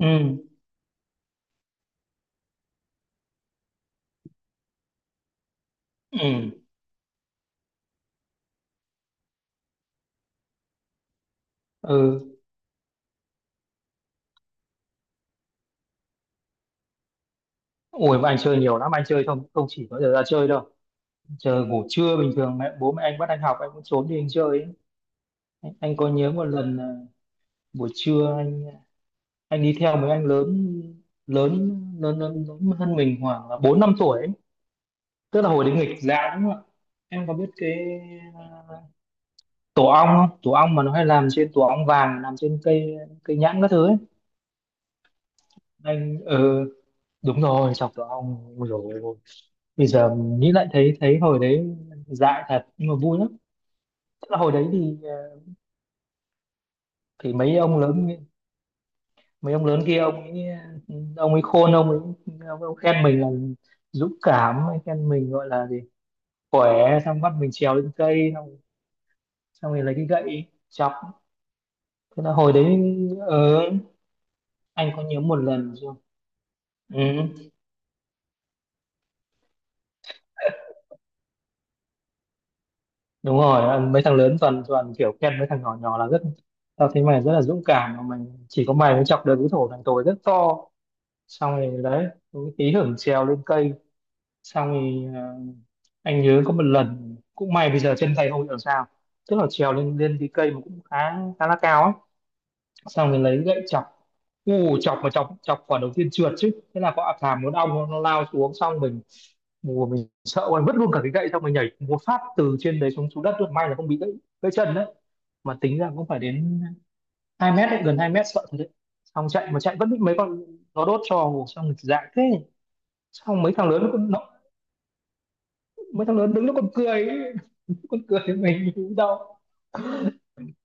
ừ ừ ừ Ủa mà anh chơi nhiều lắm, anh chơi không không chỉ có giờ ra chơi đâu. Chờ ngủ trưa bình thường mẹ, bố mẹ anh bắt anh học, anh cũng trốn đi anh chơi ấy. Anh có nhớ một lần là buổi trưa anh đi theo mấy anh lớn, lớn lớn hơn mình khoảng là bốn năm tuổi ấy. Tức là hồi đấy nghịch dạng đúng không ạ? Em có biết cái, à, tổ ong không? Tổ ong mà nó hay làm trên, tổ ong vàng làm trên cây cây nhãn các thứ ấy. Anh đúng rồi, chọc tổ ong rồi. Bây giờ nghĩ lại thấy thấy hồi đấy dại thật nhưng mà vui lắm. Tức là hồi đấy thì mấy ông lớn, mấy ông lớn kia ông ấy, ông ấy khôn, ông ấy khen mình là dũng cảm, ông ấy khen mình gọi là gì, khỏe, xong bắt mình trèo lên cây, xong xong rồi lấy cái gậy chọc. Thế là hồi đấy, ờ, anh có nhớ một lần chưa. Ừ, đúng rồi, mấy thằng lớn toàn, kiểu khen mấy thằng nhỏ nhỏ là rất, tao thấy mày rất là dũng cảm mà mày, chỉ có mày mới chọc được cái thổ thằng tồi rất to. Xong rồi đấy, cũng tí hưởng trèo lên cây, xong rồi anh nhớ có một lần cũng may bây giờ chân tay không bị sao. Tức là trèo lên lên cái cây mà cũng khá, khá là cao ấy. Xong rồi lấy gậy chọc, u chọc mà chọc chọc quả đầu tiên trượt chứ, thế là có thảm muốn ong nó lao xuống, xong mình, mùa mình sợ quá vứt luôn cả cái gậy, xong mình nhảy một phát từ trên đấy xuống, xuống đất luôn, may là không bị gãy, gãy chân đấy. Mà tính ra cũng phải đến 2 mét đấy, gần 2 mét, sợ thật đấy. Xong chạy mà chạy vẫn bị mấy con nó đốt cho, xong rồi dại thế. Xong mấy thằng lớn nó còn mấy thằng lớn đứng nó còn cười ấy. Còn cười với mình cũng đau.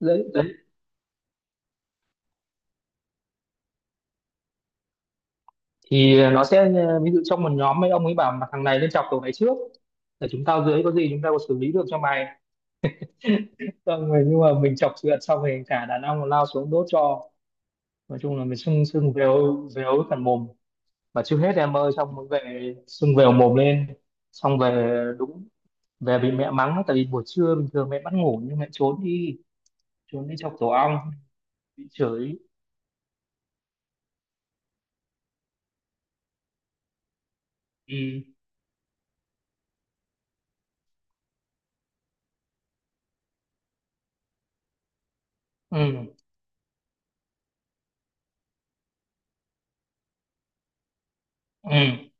Đấy, đấy, thì nó sẽ ví dụ trong một nhóm, mấy ông ấy bảo mà thằng này nên chọc, cậu này trước, để chúng tao dưới có gì chúng tao có xử lý được cho mày. Xong rồi nhưng mà mình chọc chuyện xong rồi cả đàn ông lao xuống đốt cho. Nói chung là mình sưng, sưng vèo vèo cả mồm, và chưa hết em ơi, xong mới về sưng vèo mồm lên. Xong về đúng, về bị mẹ mắng tại vì buổi trưa bình thường mẹ bắt ngủ nhưng mẹ trốn đi, trốn đi chọc tổ ong, bị chửi. Ừ. Ừ. ừ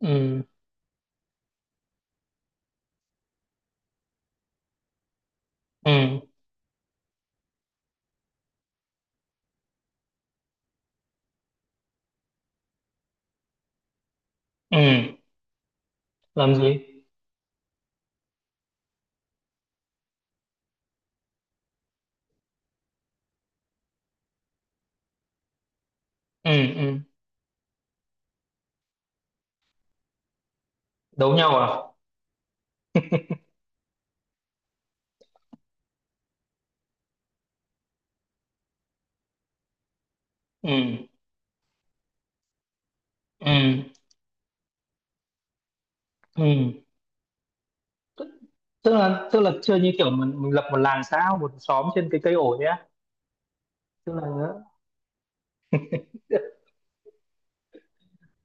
ừ ừ ừ làm gì? ừ ừ Đấu nhau à? ừ ừ ừ Tức là chơi như kiểu mình lập một làng xã, một xóm trên cái cây ổi á. Tức là.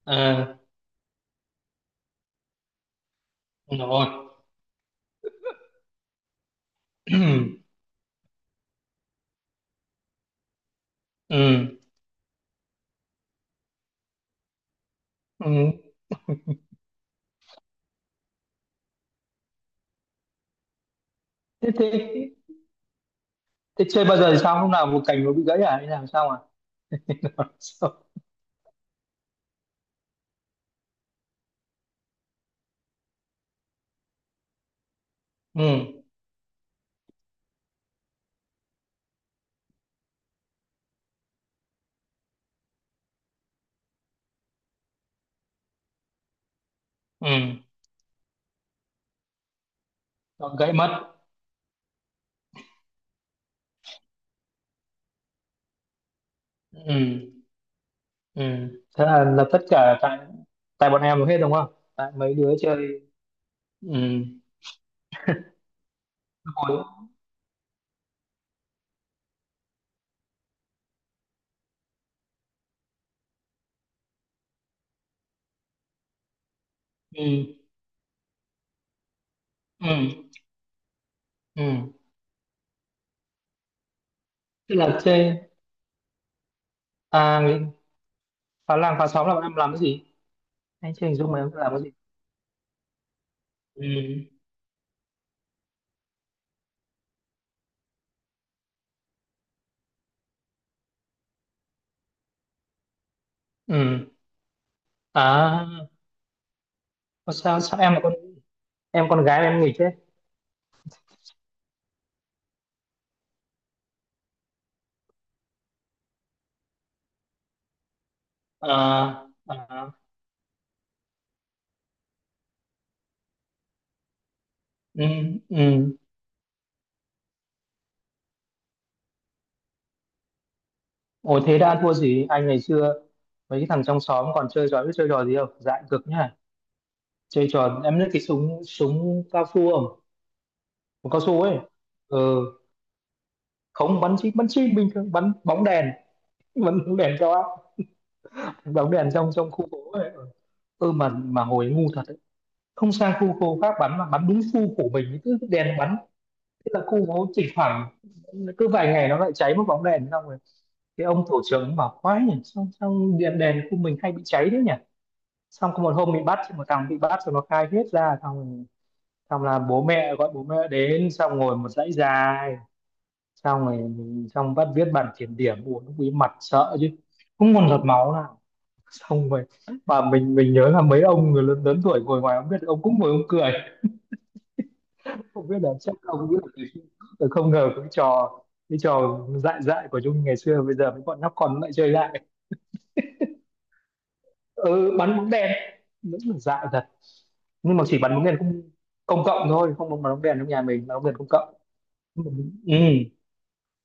À. Rồi. Ừ. Ừ. Ừ. Thế, thế chơi bao giờ thì sao, lúc nào một cành nó bị gãy à hay làm sao à? ừ ừ nó gãy mất. Ừ. Ừ. Thế là tất cả tại, tại bọn em hết đúng không, tại mấy đứa chơi. Ừ. Hồi-. ừ ừ ừ Tức là chơi. À nghĩ-, phá làng phá xóm là bọn em làm cái gì? Anh chưa hình dung mà em làm cái gì. ừ ừ À. Có sao, sao em là con, em con gái mà em nghịch thế? À, à. ừ ừ Ồ, thế đã thua gì anh ngày xưa. Mấy cái thằng trong xóm còn chơi trò, biết chơi trò gì không, dại cực nhá. Chơi trò, em biết cái súng, súng cao su không? Súng cao su ấy. Ừ. Không, bắn chim, bắn chim bình thường, bắn bóng đèn. Bắn bóng đèn cho, bóng đèn trong, trong khu phố ấy. Ừ. Ừ mà hồi ấy ngu thật đấy, không sang khu khô khác bắn mà bắn đúng khu của mình, cứ đèn bắn. Thế là khu nó chỉ khoảng, cứ vài ngày nó lại cháy một bóng đèn. Xong rồi cái ông tổ trưởng ông bảo quái nhỉ, xong xong đèn, đèn khu mình hay bị cháy đấy nhỉ. Xong có một hôm bị bắt, xong một thằng bị bắt rồi nó khai hết ra. Xong rồi xong là bố mẹ gọi, bố mẹ đến, xong ngồi một dãy dài. Xong rồi mình xong bắt viết bản kiểm điểm, buồn lúc ấy mặt sợ chứ, không còn giọt máu nào. Xong rồi mà mình nhớ là mấy ông người lớn, lớn tuổi ngồi ngoài không biết, ông cũng ngồi ông cười, không biết là chắc ông biết là từ-, từ không ngờ cái trò, cái trò dại, dại của Nhung ngày xưa bây giờ mấy bọn nhóc con nó lại chơi lại. Ừ, bắn bóng đèn. Đúng là dại thật. Nhưng mà chỉ bắn bóng đèn công, công cộng thôi, không bắn bóng đèn trong nhà mình, bắn bóng đèn công cộng. Ừ.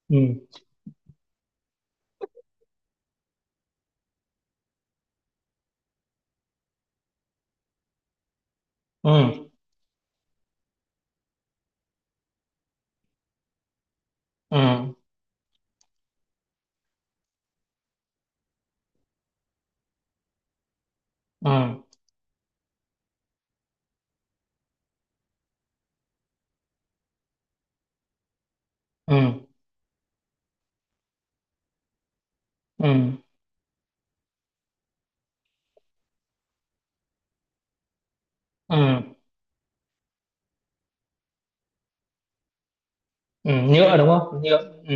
ừ ừ ừ ừ ừ ừ ừ ừ Nhựa đúng không, nhựa. Ừ.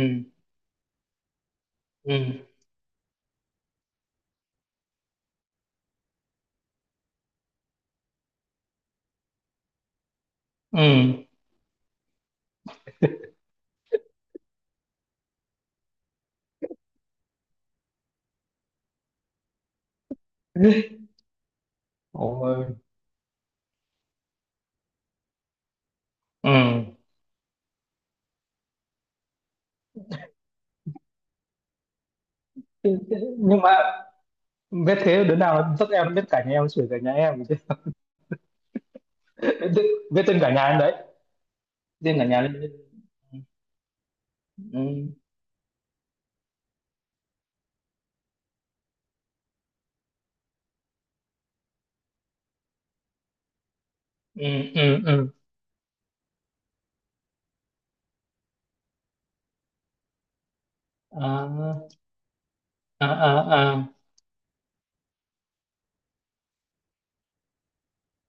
Ừ. Ừ. Ôi. Ừ. Thế-, thế-, nhưng mà biết thế đứa nào nó dắt em, biết cả nhà em chửi cả nhà em chứ. Biết, biết tên cả nhà em đấy. Tên cả nhà lên. Ừ, ừ, ừ, ừ. À, à, à, à.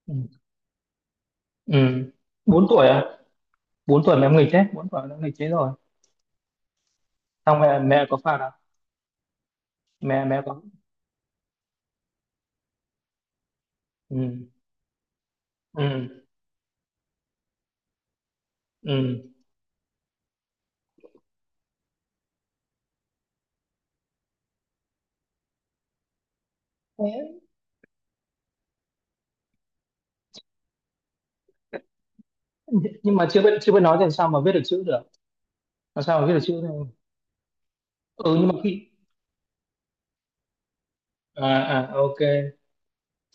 Ừ, ừ. Bốn tuổi à? Bốn tuổi mà em nghịch đấy, bốn tuổi nó nghịch thế rồi. Xong mẹ, mẹ có phạt à? Mẹ, mẹ có. Ừ, ừ, ừ. Thế, nhưng mà chưa biết, chưa biết nói thì sao mà viết được chữ được, làm sao mà viết được chữ đâu. Ừ nhưng mà khi, à, à ok.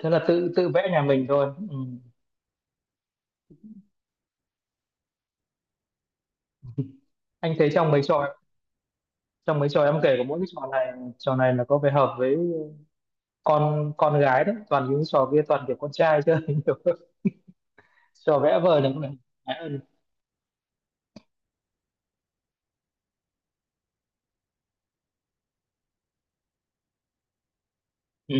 Thế là tự, tự vẽ nhà mình thôi. Ừ. Anh thấy trong mấy trò, trong mấy trò em kể có mỗi cái trò này, trò này là có vẻ hợp với con gái đấy, toàn những trò kia toàn kiểu con trai chơi nhiều. Trò vẽ vời là cũng là gái hơn. Ừ.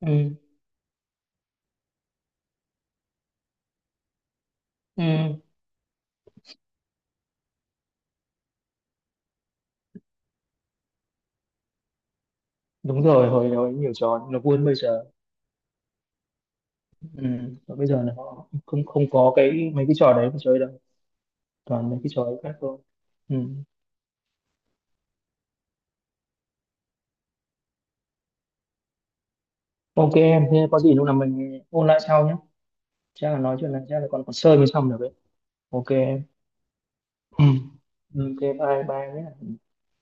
ừ ừ Đúng rồi, hồi, hồi nhiều trò nó buôn bây giờ. Ừ. Và bây giờ là họ không không có cái mấy cái trò đấy mà chơi đâu, toàn mấy cái trò khác thôi. Ừ. Ok em, thế có gì lúc nào mình ôn lại sau nhé. Chắc là nói chuyện này chắc là còn, còn sơ mới xong được đấy. Ok em. Ừ. Ok bye bye nhé.